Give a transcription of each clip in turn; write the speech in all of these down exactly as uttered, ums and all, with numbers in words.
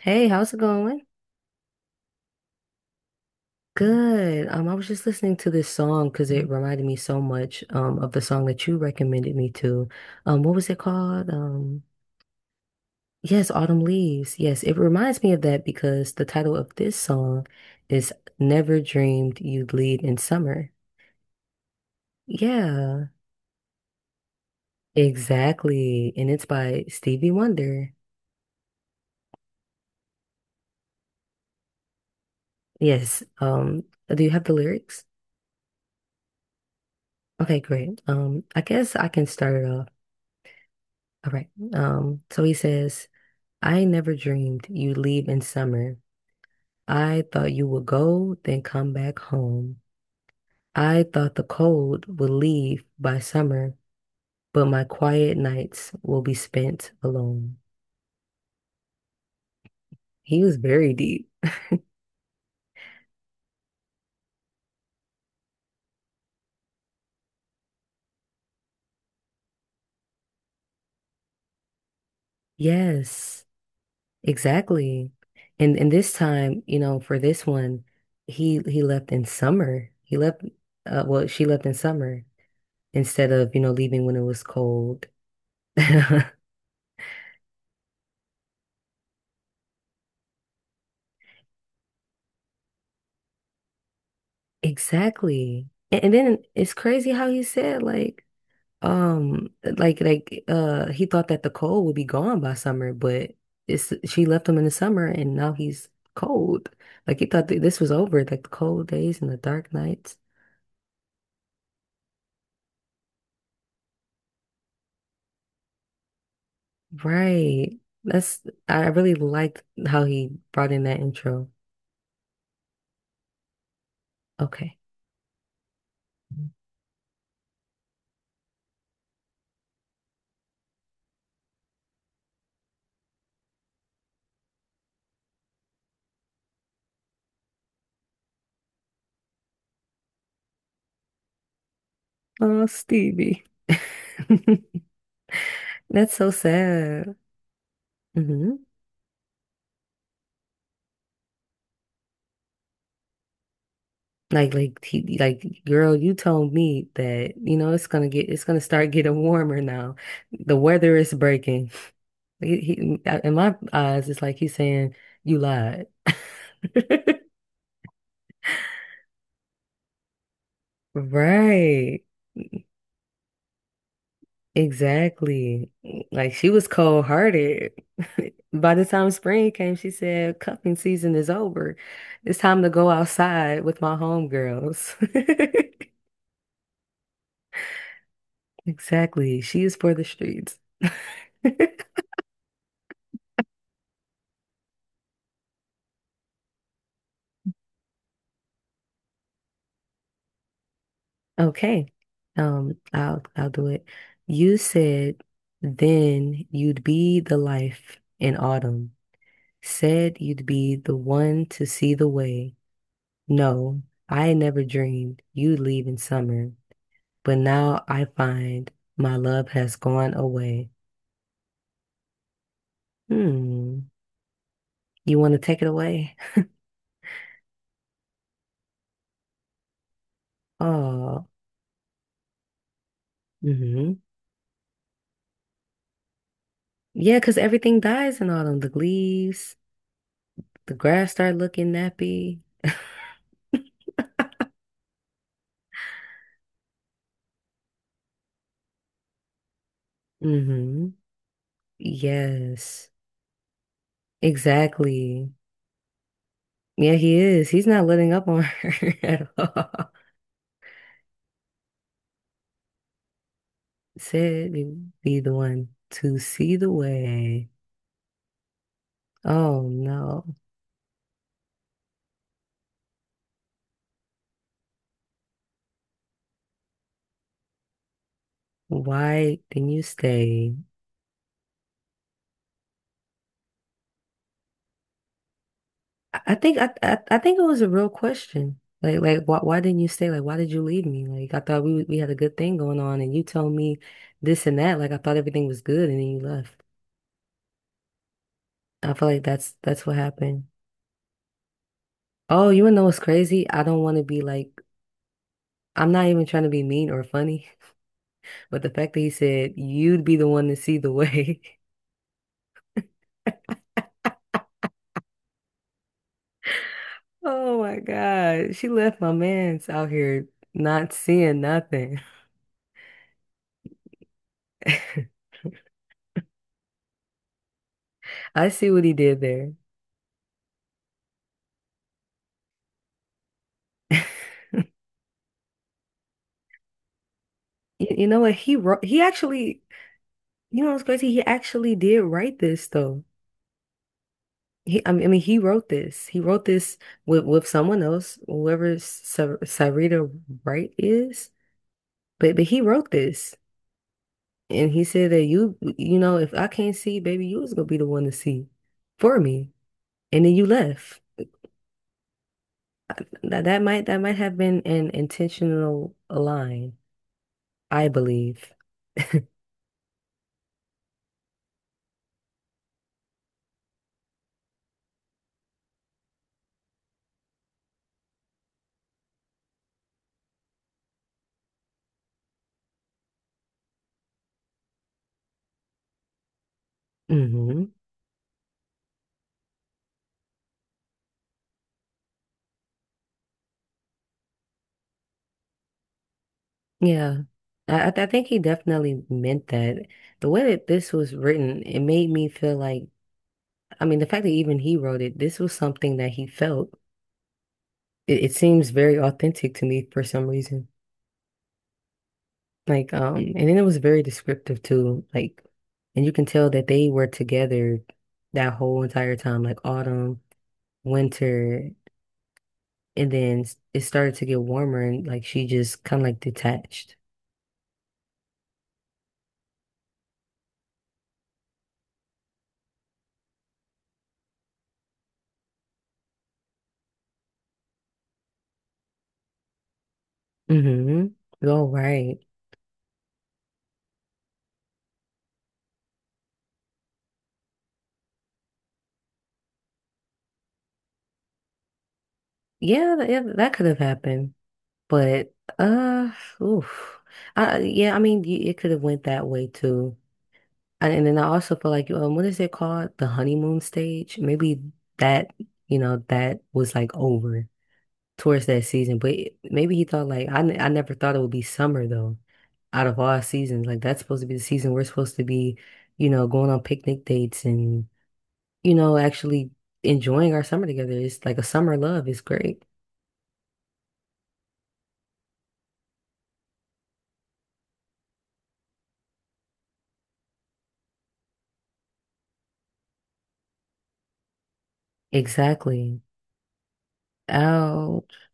Hey, how's it going? Good. Um, I was just listening to this song because it reminded me so much um of the song that you recommended me to. Um, what was it called? Um, yes, Autumn Leaves. Yes, it reminds me of that because the title of this song is Never Dreamed You'd Lead in Summer. Yeah, exactly. And it's by Stevie Wonder. Yes. Um, do you have the lyrics? Okay, great. Um, I guess I can start it off. All right. Um, so he says. I never dreamed you'd leave in summer. I thought you would go, then come back home. I thought the cold would leave by summer, but my quiet nights will be spent alone. He was very deep. Yes, exactly. And and this time, you know, for this one, he he left in summer. He left, uh, well, she left in summer instead of, you know, leaving when it was cold. Exactly. And, and then it's crazy how he said like um like like uh he thought that the cold would be gone by summer, but it's she left him in the summer and now he's cold. Like he thought that this was over, like the cold days and the dark nights. Right. That's I really liked how he brought in that intro. Okay. Oh, Stevie. That's so sad. Mhm. Like, like, he, like, girl, you told me that, you know, it's gonna get, it's gonna start getting warmer now. The weather is breaking. He, he, in my eyes, it's like he's saying, you lied. Right. Exactly. Like, she was cold-hearted. By the time spring came, she said, cuffing season is over. It's time to go outside with my homegirls. Exactly. She is for the streets. Okay. Um, I'll I'll do it. You said then you'd be the life in autumn. Said you'd be the one to see the way. No, I never dreamed you'd leave in summer, but now I find my love has gone away. Hmm. You want to take it away? Oh, mm-hmm. Yeah, because everything dies in autumn. The leaves, the grass start looking nappy. Mm-hmm. Yes. Exactly. Yeah, he is. He's not letting up on her at all. Said you be the one to see the way. Oh no. Why didn't you stay? I I think I, I I think it was a real question. Like like why why didn't you stay? Like why did you leave me? Like I thought we we had a good thing going on and you told me this and that. Like I thought everything was good and then you left. I feel like that's that's what happened. Oh, you wanna know what's crazy? I don't want to be like I'm not even trying to be mean or funny. But the fact that he said you'd be the one to see the way. Oh my God. She left my man's out here not seeing nothing. I see what he did there. You, you know what? He wrote, he actually, you know what's crazy? He actually did write this though. He, I mean, I mean, He wrote this. He wrote this with with someone else, whoever Sa- Sarita Wright is. But but he wrote this, and he said that you, you know, if I can't see, baby, you was gonna be the one to see for me. And then you left. Uh, That, that might that might have been an intentional line, I believe. hmm Yeah. I, I th- I think he definitely meant that. The way that this was written, it made me feel like, I mean, the fact that even he wrote it, this was something that he felt. It, it seems very authentic to me for some reason. Like, um, and then it was very descriptive too. Like, and you can tell that they were together that whole entire time, like autumn, winter. And then it started to get warmer and like she just kind of like detached. Mm-hmm. All right. Yeah, th- yeah, that could have happened. But uh oof. I Yeah, I mean y- it could have went that way too. And and then I also feel like um what is it called? The honeymoon stage? Maybe that, you know, that was like over towards that season. But maybe he thought like I, ne- I never thought it would be summer though. Out of all seasons, like that's supposed to be the season we're supposed to be, you know, going on picnic dates and you know actually enjoying our summer together. It's like a summer love. It's great. Exactly. Ouch.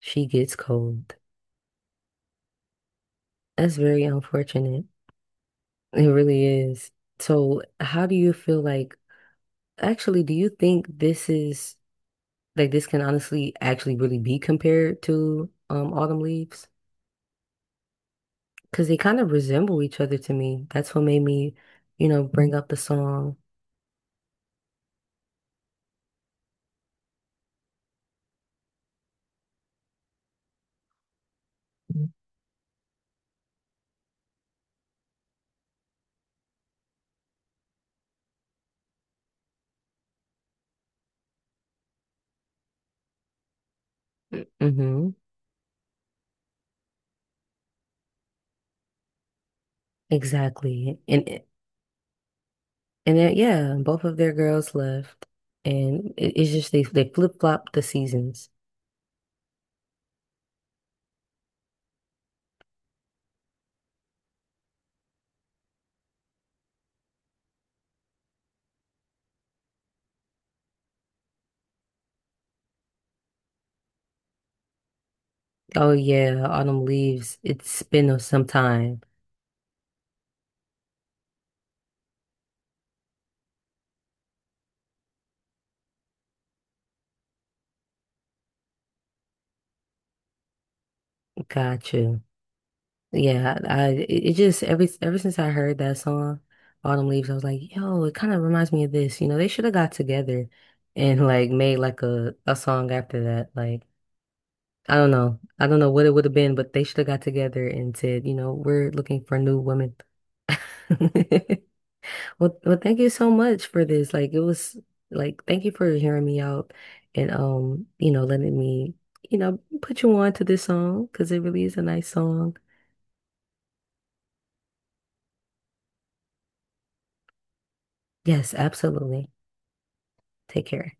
She gets cold. That's very unfortunate. It really is. So, how do you feel like actually, do you think this is like this can honestly actually really be compared to um Autumn Leaves? Because they kind of resemble each other to me. That's what made me, you know, bring up the song. Mm-hmm. Exactly. And it- and then, yeah, both of their girls left, and it, it's just they they flip flop the seasons. Oh yeah, autumn leaves. It's been some time. Gotcha. Yeah, I, I it it Just every ever since I heard that song, Autumn Leaves, I was like, yo, it kind of reminds me of this. You know, they should have got together and like made like a a song after that. Like. I don't know. I don't know what it would have been, but they should have got together and said, you know, we're looking for new women. Well, well, thank you so much for this. Like, it was like, thank you for hearing me out and, um, you know, letting me, you know, put you on to this song because it really is a nice song. Yes, absolutely. Take care.